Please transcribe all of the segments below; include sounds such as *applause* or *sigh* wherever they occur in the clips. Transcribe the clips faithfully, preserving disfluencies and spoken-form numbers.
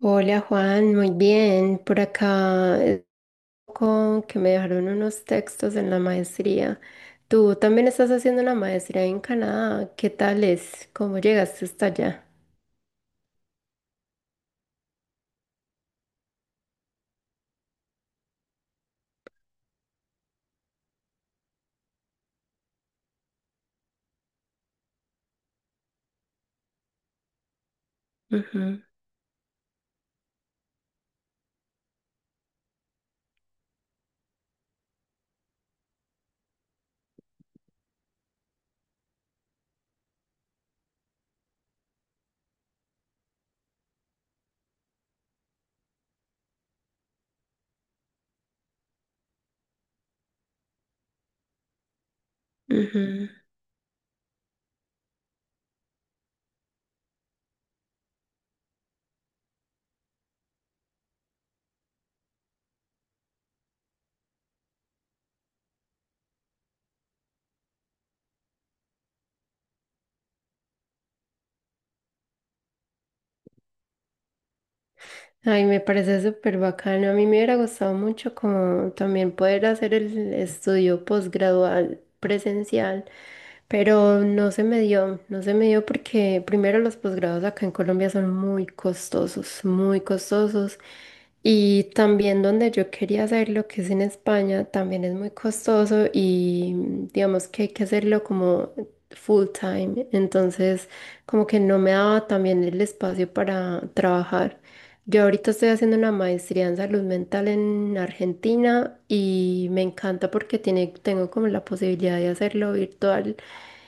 Hola Juan, muy bien. Por acá es un que me dejaron unos textos en la maestría. Tú también estás haciendo la maestría en Canadá. ¿Qué tal es? ¿Cómo llegaste hasta allá? Ujú, ujú. Ay, me parece súper bacano. A mí me hubiera gustado mucho como también poder hacer el estudio posgradual presencial, pero no se me dio, no se me dio porque primero los posgrados acá en Colombia son muy costosos, muy costosos. Y también donde yo quería hacerlo, que es en España, también es muy costoso y mm, digamos que hay que hacerlo como full time. Entonces, como que no me daba también el espacio para trabajar. Yo ahorita estoy haciendo una maestría en salud mental en Argentina y me encanta porque tiene, tengo como la posibilidad de hacerlo virtual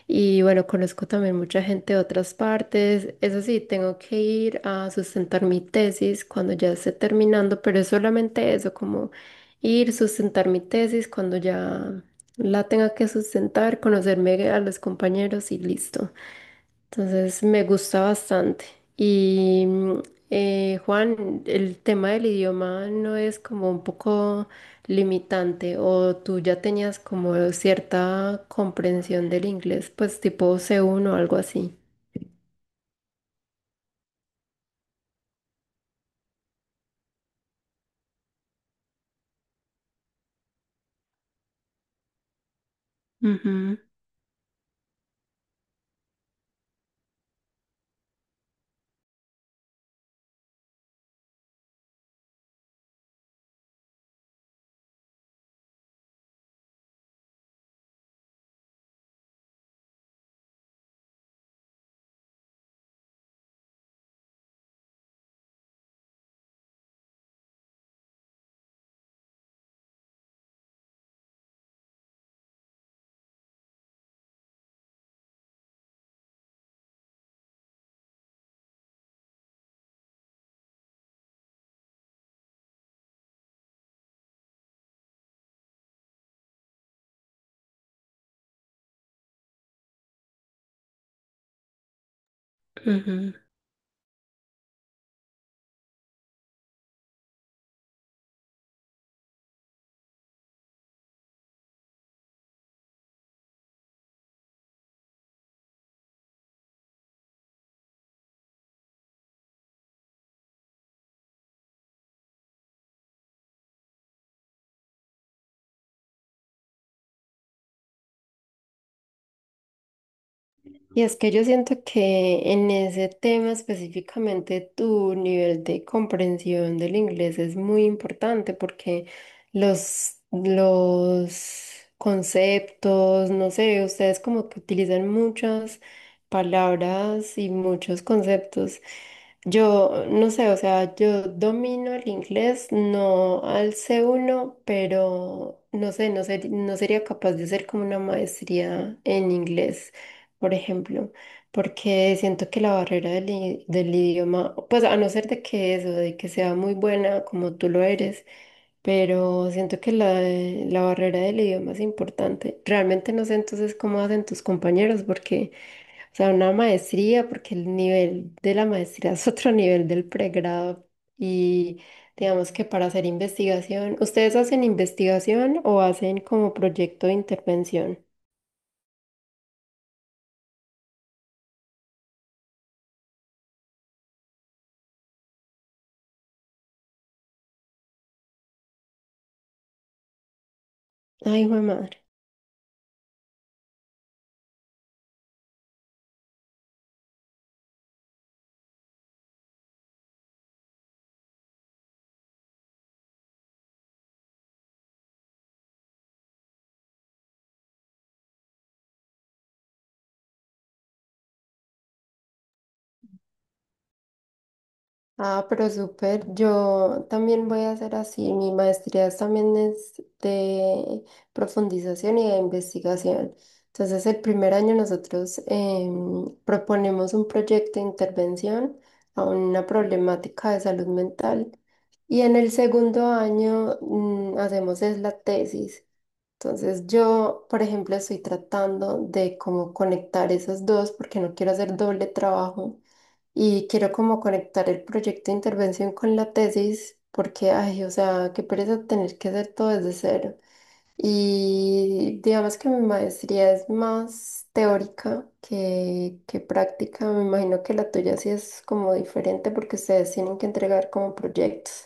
y bueno, conozco también mucha gente de otras partes. Eso sí, tengo que ir a sustentar mi tesis cuando ya esté terminando, pero es solamente eso, como ir, sustentar mi tesis cuando ya la tenga que sustentar, conocerme a los compañeros y listo. Entonces me gusta bastante. Y mm, eh, Juan, el tema del idioma no es como un poco limitante o tú ya tenías como cierta comprensión del inglés, pues tipo c uno o algo así. Ujú, ujú. Y es que yo siento que en ese tema específicamente tu nivel de comprensión del inglés es muy importante porque los, los conceptos, no sé, ustedes como que utilizan muchas palabras y muchos conceptos. Yo no sé, o sea, yo domino el inglés, no al c uno pero no sé, no ser- no sería capaz de hacer como una maestría en inglés por ejemplo, porque siento que la barrera del, i- del idioma, pues a no ser de que eso, de que sea muy buena como tú lo eres, pero siento que la, la barrera del idioma es importante. Realmente no sé entonces cómo hacen tus compañeros, porque, o sea, una maestría, porque el nivel de la maestría *laughs* es otro nivel del pregrado y digamos que para hacer investigación, ¿ustedes hacen investigación o hacen como proyecto de intervención? Ay, hijo de madre. Ah, pero súper. Yo también voy a hacer así. Mi maestría es- también es de profundización y de investigación. Entonces, el primer año nosotros em, proponemos un proyecto de intervención a una problemática de salud mental. Y en el segundo año mm, hacemos es la tesis. Entonces yo, por ejemplo, estoy tratando de cómo conectar esas dos porque no quiero hacer doble trabajo y quiero como conectar el proyecto de intervención con la tesis porque, ay, o sea, qué pereza tener que hacer todo desde cero. Y digamos que mi maestría es más teórica que, que práctica. Me imagino que la tuya sí es como diferente porque ustedes tienen que entregar como proyectos.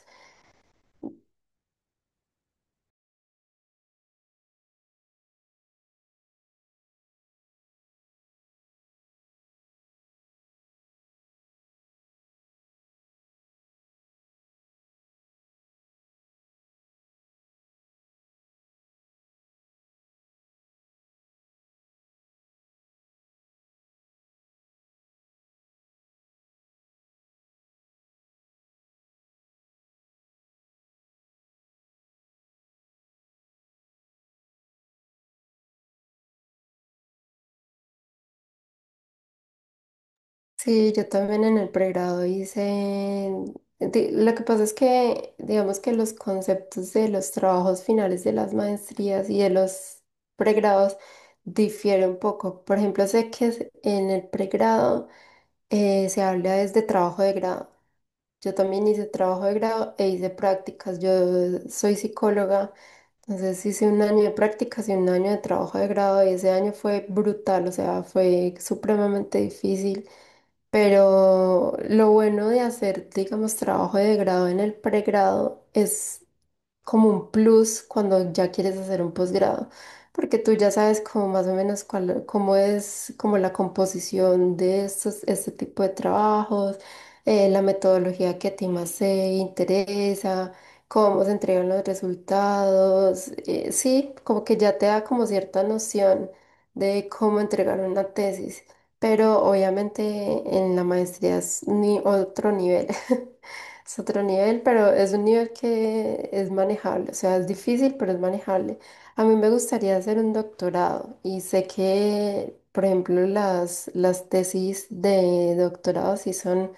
Sí, yo también en el pregrado hice... di- Lo que pasa es que, digamos que los conceptos de los trabajos finales de las maestrías y de los pregrados difieren un poco. Por ejemplo, sé que es- en el pregrado eh, se habla desde trabajo de grado. Yo también hice trabajo de grado e hice prácticas. Yo soy psicóloga, entonces hice un año de prácticas y un año de trabajo de grado y ese año fue brutal, o sea, fue supremamente difícil. Pero lo bueno de hacer, digamos, trabajo de grado en el pregrado es como un plus cuando ya quieres hacer un posgrado, porque tú ya sabes como más o menos cuál, cómo es como la composición de estos, este tipo de trabajos, eh, la metodología que a ti más te interesa, cómo se entregan los resultados, eh, sí, como que ya te da como cierta noción de cómo entregar una tesis. Pero obviamente en la maestría es ni otro nivel. *laughs* Es otro nivel, pero es un nivel que es manejable, o sea, es difícil, pero es manejable. A mí me gustaría hacer un doctorado y sé que, por ejemplo, las, las tesis de doctorado sí son, o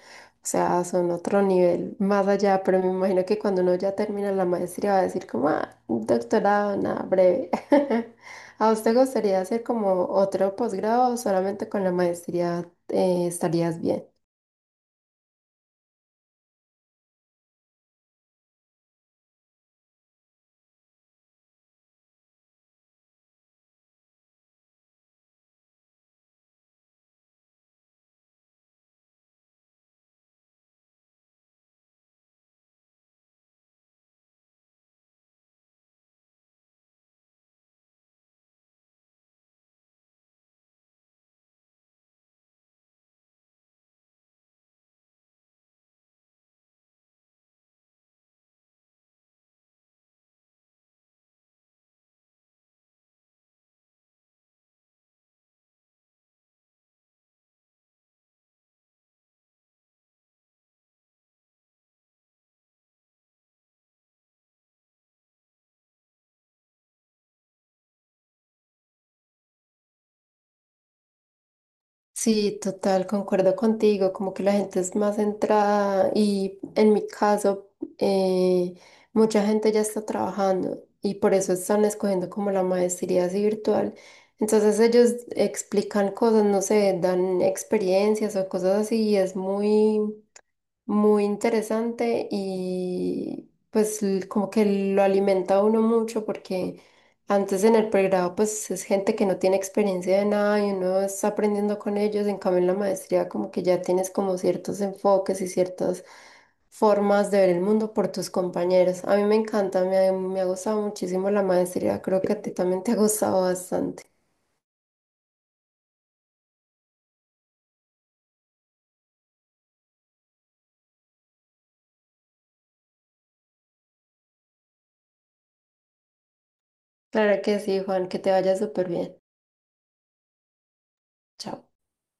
sea, son otro nivel más allá, pero me imagino que cuando uno ya termina la maestría va a decir como, ah, un doctorado, nada, breve. *laughs* ¿A usted gustaría hacer como otro posgrado o solamente con la maestría eh, estarías bien? Sí, total, concuerdo contigo, como que la gente es más centrada y en mi caso eh, mucha gente ya está trabajando y por eso están escogiendo como la maestría así virtual. Entonces ellos explican cosas, no sé, dan experiencias o cosas así y es muy muy interesante y pues l- como que lo alimenta a uno mucho porque antes en el pregrado pues es gente que no tiene experiencia de nada y uno está aprendiendo con ellos, en cambio en la maestría como que ya tienes como ciertos enfoques y ciertas formas de ver el mundo por tus compañeros. A mí me encanta, me ha, me ha gustado muchísimo la maestría, creo que a ti también te ha gustado bastante. Claro que sí, Juan, que te vaya súper bien. Chao.